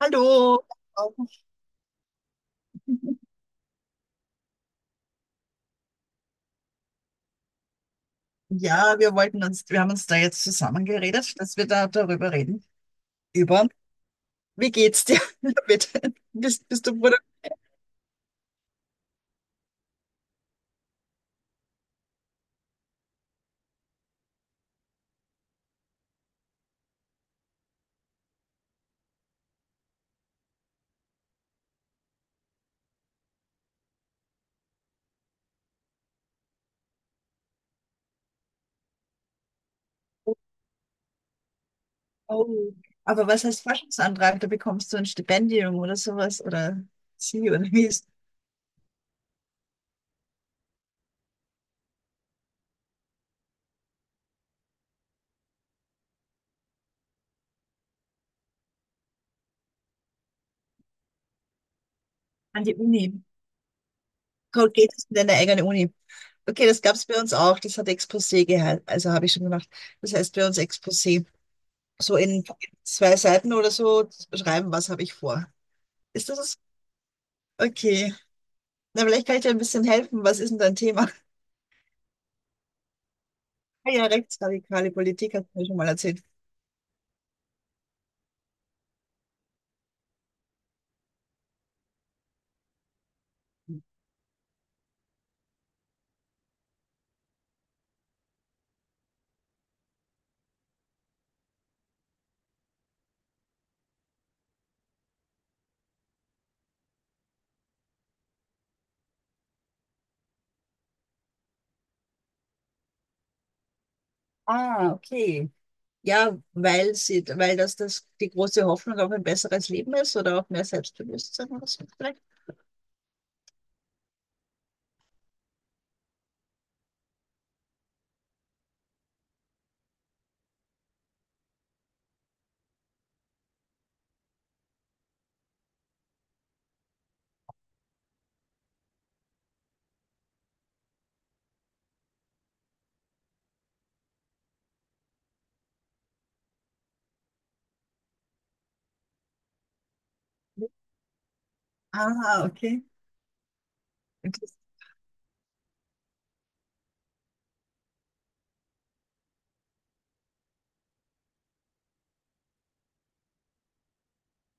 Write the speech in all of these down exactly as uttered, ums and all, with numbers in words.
Hallo. Ja, wir wollten uns, wir haben uns da jetzt zusammengeredet, dass wir da darüber reden. Über, Wie geht's dir damit? Bist, bist du Bruder? Oh. Aber was heißt Forschungsantrag? Da bekommst du ein Stipendium oder sowas oder sie oder wie ist an die Uni. Cold geht es in deine eigene Uni. Okay, das gab's bei uns auch. Das hat Exposé gehalten. Also habe ich schon gemacht. Das heißt bei uns Exposé. So in zwei Seiten oder so schreiben, was habe ich vor. Ist das es? Okay. Na, vielleicht kann ich dir ein bisschen helfen. Was ist denn dein Thema? Ah ja, rechtsradikale Politik hast du mir schon mal erzählt. Ah, okay. Ja, weil sie, weil das, das die große Hoffnung auf ein besseres Leben ist oder auf mehr Selbstbewusstsein oder so vielleicht. Ah, okay. Inter-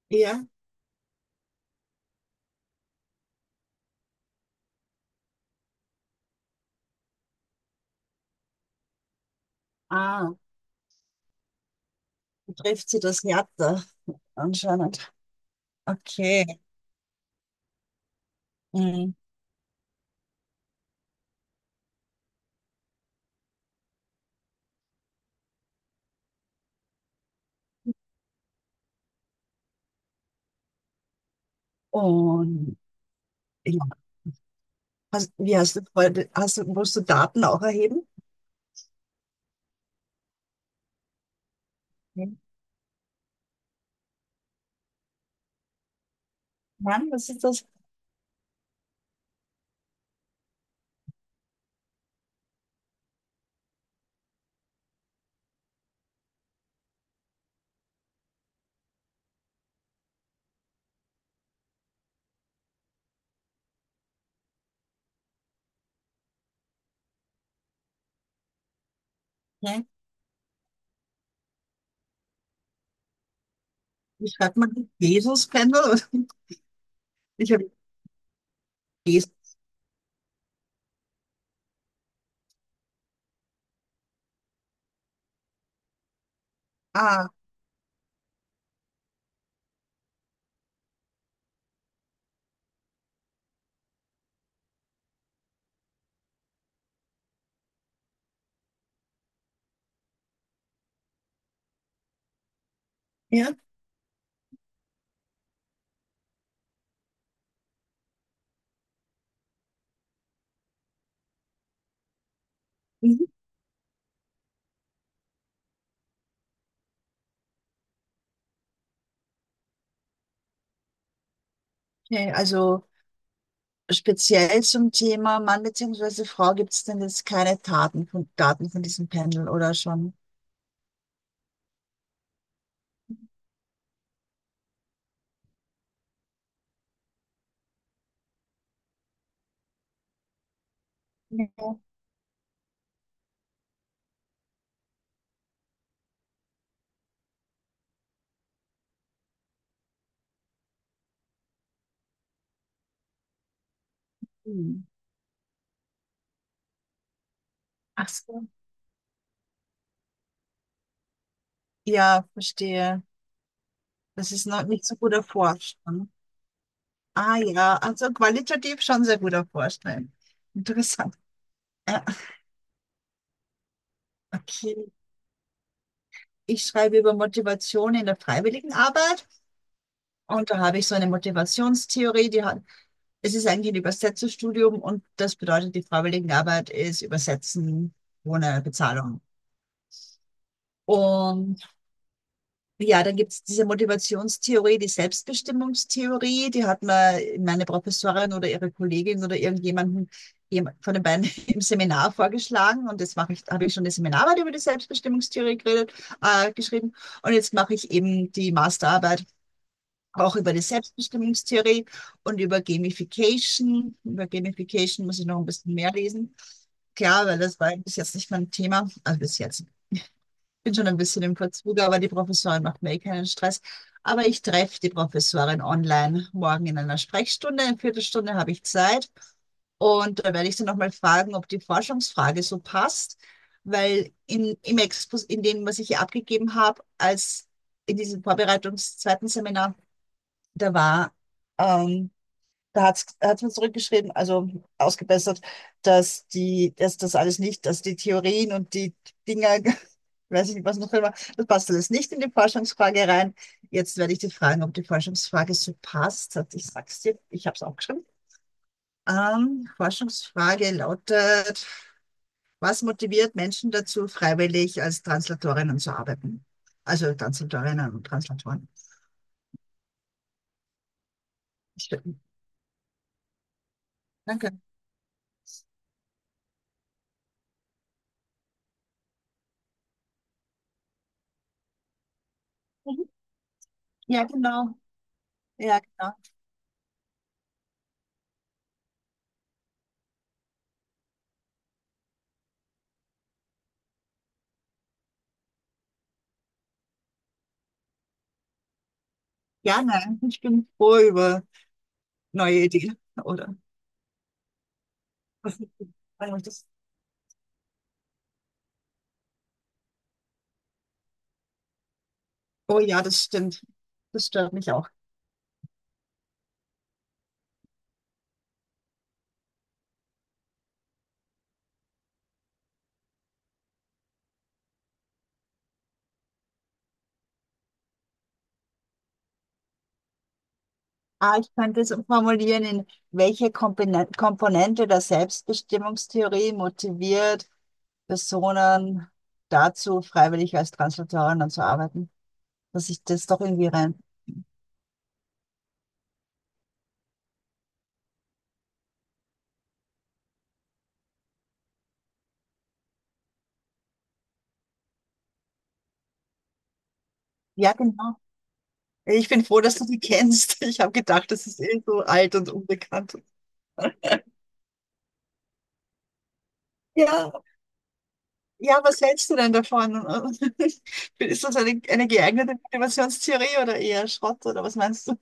Ja, ah, trifft sie das härter anscheinend. Okay. Mhm. Und ja, hast, wie hast du, vorher- hast du, musst du Daten auch erheben? Nein, Mann, was ist das? Nein. Wie schreibt man das? Jesus-Pendel? Ich habe Jesus. Ah, ja. Mhm. Okay, also speziell zum Thema Mann bzw. Frau gibt es denn jetzt keine Daten von, Daten von diesem Pendel oder schon? Ja. Hm. Ach so. Ja, verstehe. Das ist noch nicht so gut erforscht, ne? Ah ja, also qualitativ schon sehr gut erforscht, ne? Interessant. Äh, okay. Ich schreibe über Motivation in der Freiwilligenarbeit und da habe ich so eine Motivationstheorie, die hat, es ist eigentlich ein Übersetzerstudium und das bedeutet, die Freiwilligenarbeit ist Übersetzen ohne Bezahlung. Und ja, dann gibt's diese Motivationstheorie, die Selbstbestimmungstheorie, die hat mir meine Professorin oder ihre Kollegin oder irgendjemanden jem- von den beiden im Seminar vorgeschlagen und jetzt mache ich, habe ich schon eine Seminararbeit über die Selbstbestimmungstheorie geredet, äh, geschrieben und jetzt mache ich eben die Masterarbeit auch über die Selbstbestimmungstheorie und über Gamification. Über Gamification muss ich noch ein bisschen mehr lesen. Klar, weil das war bis jetzt nicht mein Thema, also bis jetzt bin schon ein bisschen im Verzug, aber die Professorin macht mir eh keinen Stress. Aber ich treffe die Professorin online morgen in einer Sprechstunde. Eine Viertelstunde habe ich Zeit. Und da werde ich sie nochmal fragen, ob die Forschungsfrage so passt, weil in, im Expos, in dem, was ich hier abgegeben habe, als in diesem Vorbereitungs zweiten Seminar, da war ähm, da hat's, hat's mir zurückgeschrieben, also ausgebessert, dass die, dass das alles nicht, dass die Theorien und die Dinger, weiß ich nicht, was noch immer, das passt alles nicht in die Forschungsfrage rein. Jetzt werde ich dich fragen, ob die Forschungsfrage so passt hat. Ich sag's dir, ich habe es auch geschrieben. Ähm, Forschungsfrage lautet, was motiviert Menschen dazu, freiwillig als Translatorinnen zu arbeiten? Also Translatorinnen und Translatoren. Schön. Danke. Mhm. Ja, genau. Ja, genau. Ja, nein, ich bin froh über neue Ideen, oder? Also das, oh ja, das stimmt. Das stört mich auch. Ah, ich könnte es formulieren, in welche Kompone- Komponente der Selbstbestimmungstheorie motiviert Personen dazu, freiwillig als Translatorin zu arbeiten. Dass ich das doch irgendwie rein. Ja, genau. Ich bin froh, dass du die kennst. Ich habe gedacht, das ist eh so alt und unbekannt. Ja, ja, was hältst du denn davon? Ist das eine, eine geeignete Motivationstheorie oder eher Schrott oder was meinst du?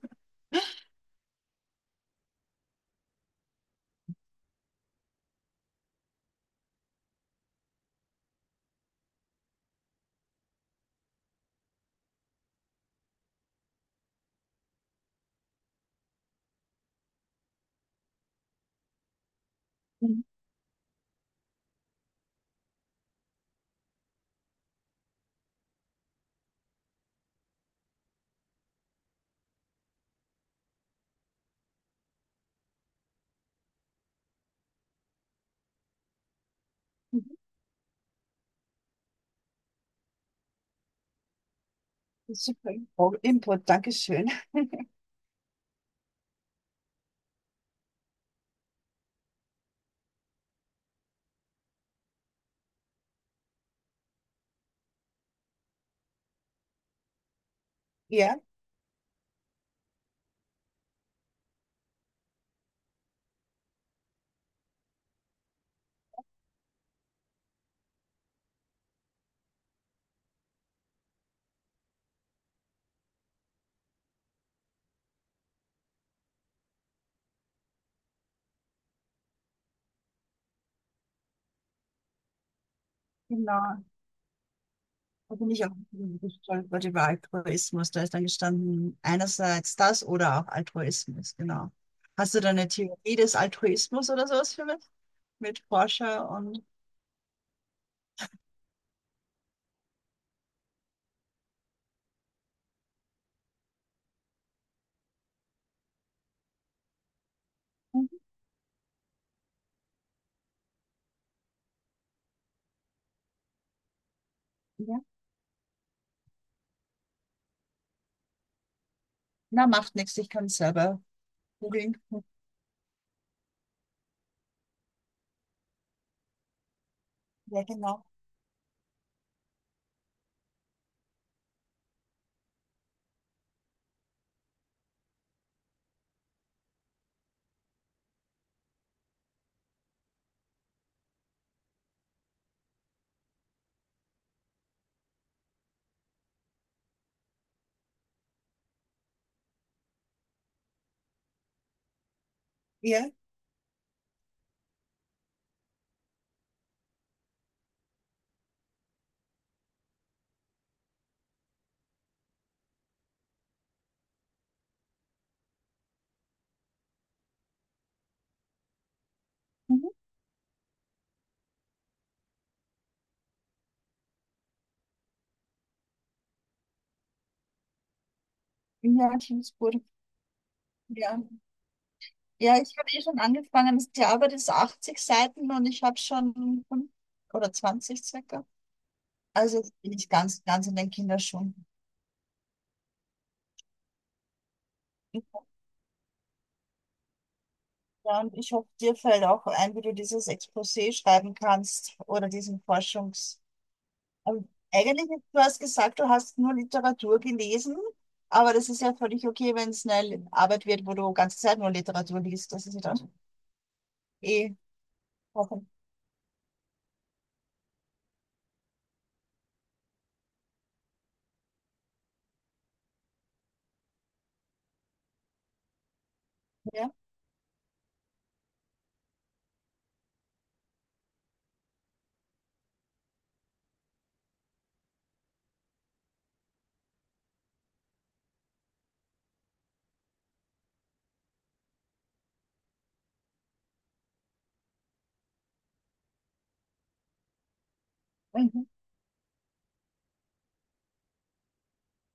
Mhm, mhm. Super Info- Input, Dankeschön. Ja, genau. Da bin ich auch gestolpert über den Altruismus. Da ist dann gestanden, einerseits das oder auch Altruismus, genau. Hast du da eine Theorie des Altruismus oder sowas für mich? Mit Forscher und. Mhm, ja. Na, macht nichts, ich kann es selber googeln. Ja, genau. Ja, mhm. Ja, Teamsburg. Ja. Ja, ich habe eh schon angefangen. Die Arbeit ist achtzig Seiten und ich habe schon fünf oder zwanzig circa. Also jetzt bin ich ganz, ganz in den Kinderschuhen. Ja, und ich hoffe, dir fällt auch ein, wie du dieses Exposé schreiben kannst oder diesen Forschungs... Also eigentlich, du hast gesagt, du hast nur Literatur gelesen, aber das ist ja völlig okay, wenn es eine Arbeit wird, wo du ganze Zeit nur Literatur liest. Das ist ja dann eh hoffentlich. Ja. Mhm.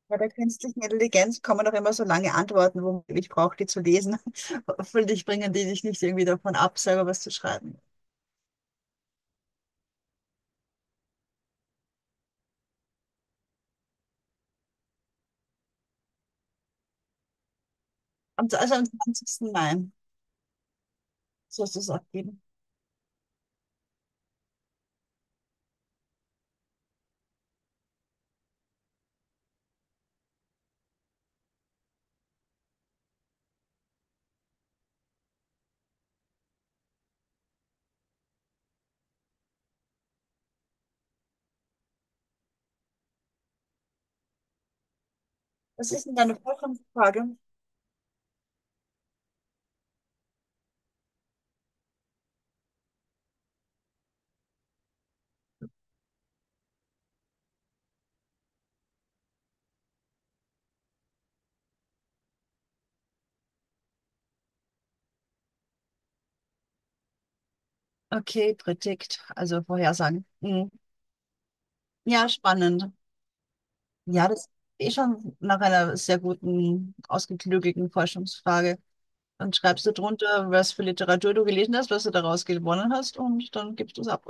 Bei der künstlichen Intelligenz kommen doch immer so lange Antworten, wo ich brauche, die zu lesen. Hoffentlich bringen die dich nicht irgendwie davon ab, selber was zu schreiben. Am, also am zwanzigsten Mai sollst du es abgeben. Was ist denn deine Vorfrage? Okay, Predikt, also Vorhersagen. Mhm. Ja, spannend. Ja, das ist eh schon nach einer sehr guten, ausgeklügelten Forschungsfrage. Dann schreibst du drunter, was für Literatur du gelesen hast, was du daraus gewonnen hast und dann gibst du es ab.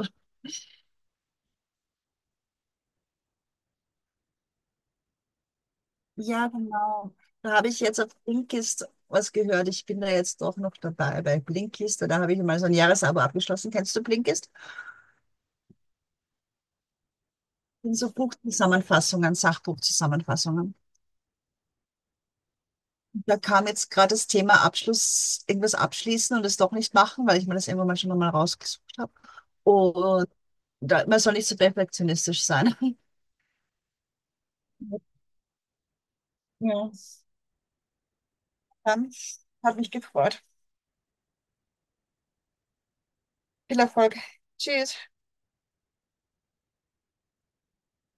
Ja, genau. Da habe ich jetzt auf Blinkist was gehört. Ich bin da jetzt doch noch dabei bei Blinkist. Da habe ich mal so ein Jahresabo abgeschlossen. Kennst du Blinkist? Das sind so Buchzusammenfassungen, Sachbuchzusammenfassungen. Da kam jetzt gerade das Thema Abschluss, irgendwas abschließen und es doch nicht machen, weil ich mir das irgendwann mal schon mal rausgesucht habe. Und da, man soll nicht so perfektionistisch sein. Ja, dann hat mich gefreut. Viel Erfolg. Tschüss.